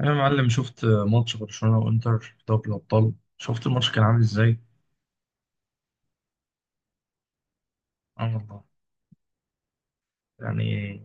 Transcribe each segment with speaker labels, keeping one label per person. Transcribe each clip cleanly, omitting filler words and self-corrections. Speaker 1: أنا يا معلم شفت ماتش برشلونة وإنتر في دوري الأبطال. شفت الماتش كان عامل إزاي؟ آه والله. يعني،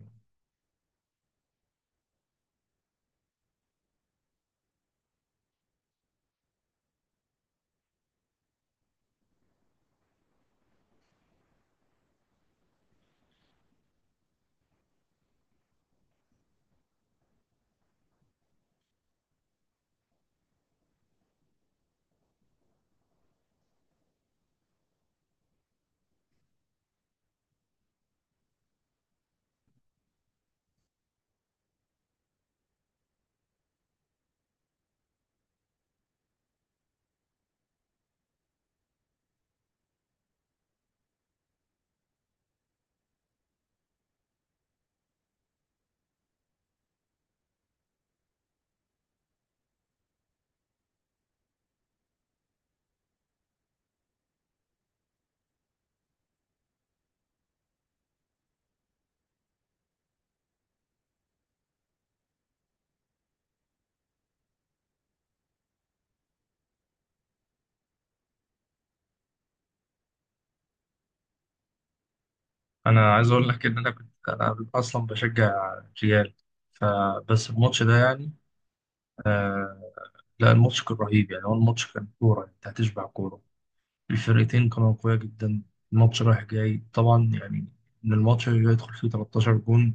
Speaker 1: أنا عايز أقول لك إن أنا كنت أصلا بشجع ريال. فبس الماتش ده يعني، آه لا، الماتش كان رهيب. يعني هو الماتش كان كورة، أنت هتشبع كورة. الفرقتين كانوا قوية جدا، الماتش رايح جاي طبعا. يعني إن الماتش اللي يدخل فيه 13 جون،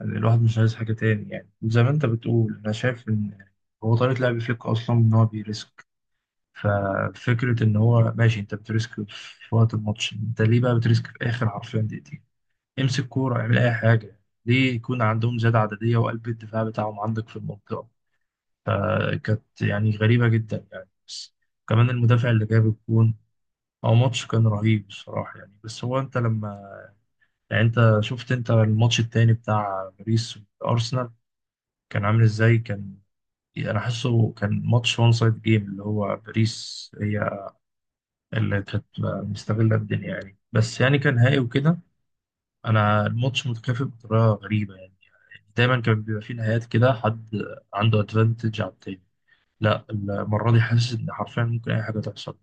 Speaker 1: يعني الواحد مش عايز حاجة تاني. يعني زي ما أنت بتقول، أنا شايف إن هو طريقة لعب فليك أصلا إن هو بيريسك. ففكرة إن هو ماشي، أنت بتريسك في وقت الماتش، أنت ليه بقى بتريسك في آخر حرفيا دقيقتين؟ امسك كورة، اعمل أي حاجة. ليه يكون عندهم زيادة عددية وقلب الدفاع بتاعهم عندك في المنطقة؟ فكانت يعني غريبة جدا يعني، بس كمان المدافع اللي جاب الجون. هو ماتش كان رهيب بصراحة يعني، بس هو أنت لما، يعني أنت شفت أنت الماتش التاني بتاع باريس وأرسنال كان عامل إزاي؟ كان يعني أنا حاسه كان ماتش وان سايد جيم، اللي هو باريس هي اللي كانت مستغلة الدنيا يعني. بس يعني كان نهائي وكده. أنا الماتش متكافئ بطريقة غريبة يعني، دايما كان بيبقى فيه نهايات كده حد عنده أدفانتج على التاني. لا المرة دي حاسس إن حرفيا ممكن أي حاجة تحصل،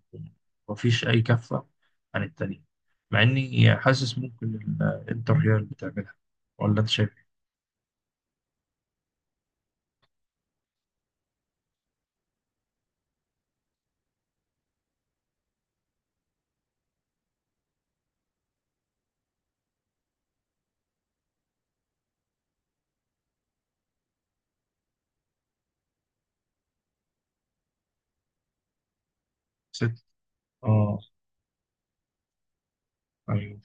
Speaker 1: مفيش أي كفة عن التانية. مع إني حاسس ممكن الإنتر هي اللي بتعملها. ولا أنت شايف إيه؟ ست. آه. أيوه،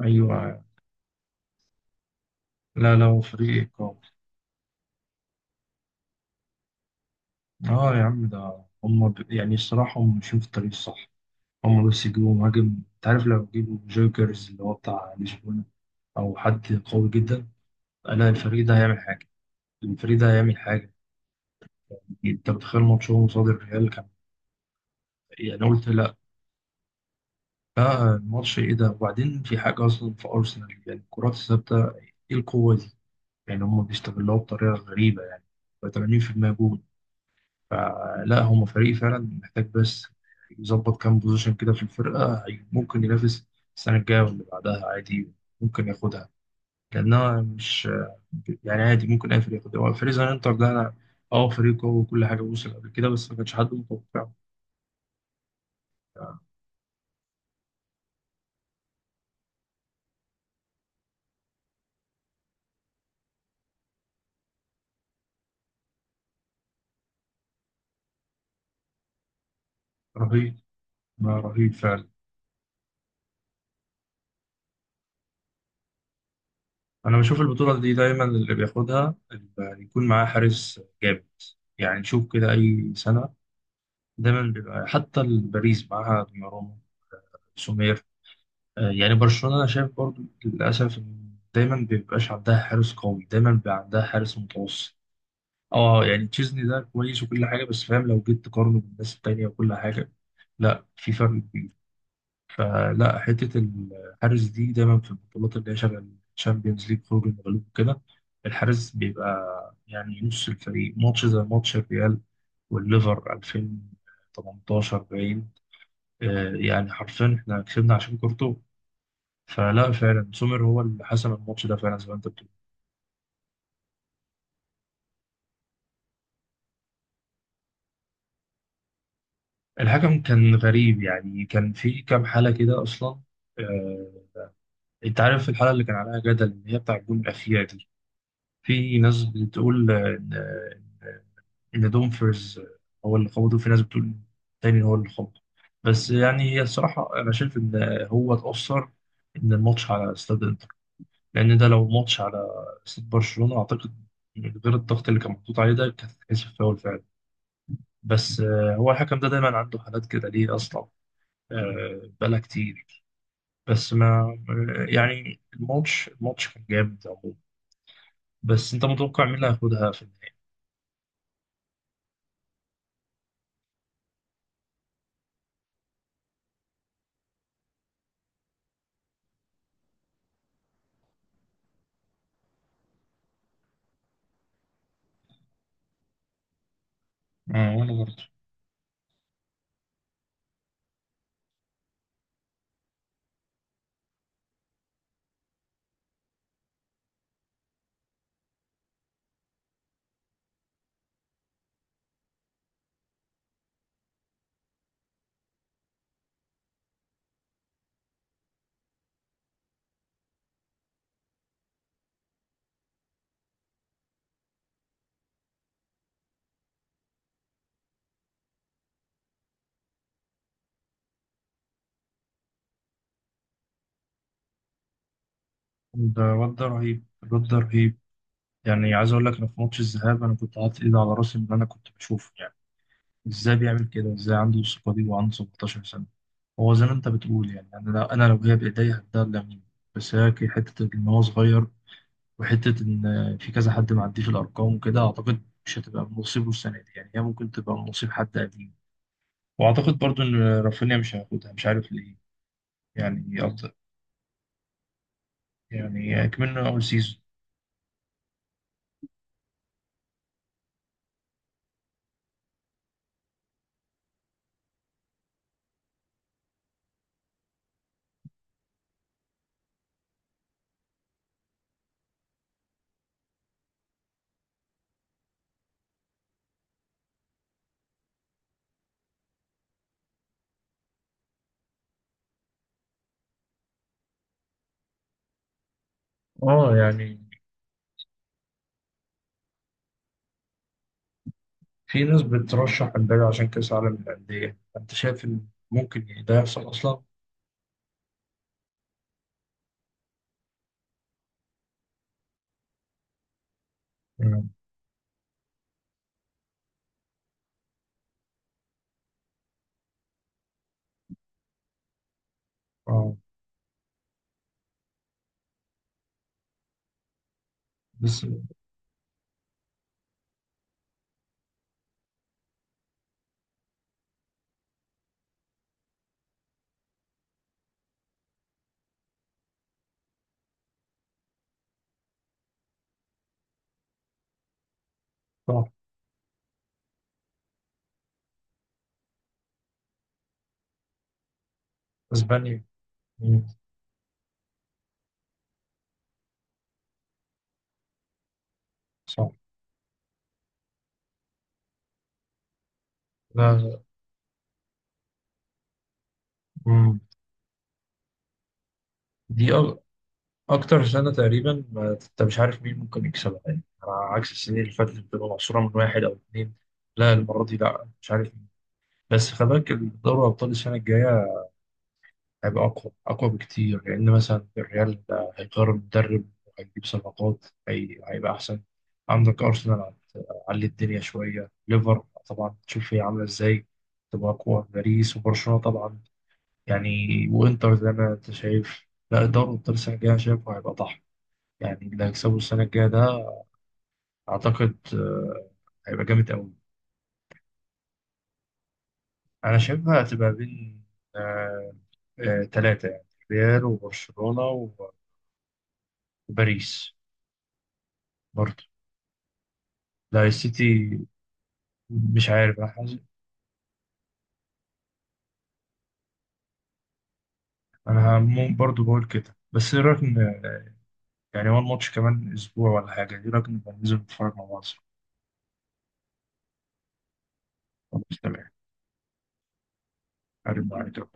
Speaker 1: أيوه. لا، لا، هو فريق إقامة. آه يا عم، ده هم يعني، الصراحة هم ماشيين في الطريق الصح. هم بس يجيبوا مهاجم. انت عارف، لو جيبوا جوكرز اللي هو بتاع لشبونة، او حد قوي جدا، لا الفريق ده هيعمل حاجه. الفريق ده هيعمل حاجه. انت متخيل ماتشهم قصاد الريال كان؟ يعني انا قلت لا. لا، الماتش ايه ده! وبعدين في حاجه اصلا في ارسنال، يعني الكرات الثابته، ايه القوه دي؟ يعني هم بيستغلوها بطريقه غريبه يعني، 80% جول. فلا هم فريق فعلا محتاج بس يظبط كام بوزيشن كده في الفرقه، ممكن ينافس السنه الجايه واللي بعدها عادي، ممكن ياخدها. لأنها مش، يعني عادي ممكن أي فريق ياخد. هو فريق زننتر ده، أنا أه، فريق قوي وكل حاجة، وصل قبل كده بس ما كانش حد متوقعه. رهيب، ما رهيب فعلا. أنا بشوف البطولة دي دايما اللي بياخدها اللي يكون معاه حارس جامد. يعني نشوف كده أي سنة دايما بيبقى، حتى باريس معاها دوناروما، سومير. يعني برشلونة أنا شايف برضو للأسف إن دايما بيبقاش عندها حارس قوي، دايما بيبقى عندها حارس متوسط. اه يعني تشيزني ده كويس وكل حاجه، بس فاهم لو جيت تقارنه بالناس التانيه وكل حاجه، لا في فرق كبير. فلا، حته الحارس دي دايما في البطولات اللي هي شغال تشامبيونز ليج، خروج المغلوب وكده، الحارس بيبقى يعني نص الفريق. ماتش زي ماتش الريال والليفر 2018 باين، يعني حرفيا احنا كسبنا عشان كورتو. فلا فعلا سومر هو اللي حسم الماتش ده فعلا زي ما انت بتقول. الحكم كان غريب يعني، كان في كام حاله كده اصلا. آه، انت عارف الحلقه اللي كان عليها جدل ان هي بتاع الجون الاخيره دي. في ناس بتقول ان دومفرز هو اللي خبطه، وفي ناس بتقول تاني هو اللي خبطه. بس يعني هي الصراحه انا شايف ان هو اتاثر ان الماتش على استاد انتر، لان ده لو ماتش على استاد برشلونه اعتقد من غير الضغط اللي كان محطوط عليه ده كانت هتتحسب فاول فعلا. بس هو الحكم ده دايما عنده حالات كده ليه اصلا؟ بقالها كتير. بس ما يعني، الماتش كان جامد عموما. بس انت متوقع مين اللي هياخدها في النهاية؟ آه، وانا برضه. ده الواد ده رهيب، الواد ده رهيب. يعني عايز اقول لك، انا في ماتش الذهاب انا كنت حاطط ايدي على راسي من اللي انا كنت بشوفه. يعني ازاي بيعمل كده؟ ازاي عنده الثقة دي وعنده 17 سنة؟ هو زي ما انت بتقول، يعني أنا لو هي بايديا هديها لامين. بس هي حتة ان هو صغير، وحتة ان في كذا حد معدي في الارقام وكده، اعتقد مش هتبقى من نصيبه السنة دي. يعني هي ممكن تبقى من نصيب حد قديم، واعتقد برضو ان رافينيا مش هياخدها، مش عارف ليه. يعني يعني أكملنا أول سيزون. اه يعني، في ناس بترشح امبابي عشان كأس العالم للأندية، أنت شايف إن ممكن يعني ده يحصل أصلا؟ مم. اه. بس صح. أسبانيا. مم. صح. لا. مم. دي أ- أكتر سنة تقريبا، ما أنت مش عارف مين ممكن يكسبها، يعني على عكس السنين اللي فاتت بتبقى محصورة من واحد أو اتنين. لا المرة دي لا، مش عارف مين. بس خلي بالك دوري أبطال السنة الجاية هيبقى أقوى، أقوى بكتير. لأن مثلا الريال هيغير المدرب وهيجيب صفقات، هيبقى أحسن. عندك أرسنال علي الدنيا شوية. ليفر طبعا تشوف هي عاملة إزاي، تبقى أقوى. باريس وبرشلونة طبعا، يعني. وإنتر زي ما أنت شايف. لا، الدوري الأبطال السنة الجاية شايفه هيبقى طحن. يعني اللي هيكسبه السنة الجاية ده أعتقد هيبقى جامد أوي. أنا شايفها هتبقى بين آه، تلاتة يعني، ريال وبرشلونة وباريس برضه. لا السيتي. مش عارف، انا انا برضو بقول كده. بس ايه رايك يعني هو الماتش كمان اسبوع ولا حاجه، ايه رايك نبقى ننزل نتفرج مع بعض؟ خلاص، تمام. هرد عليك.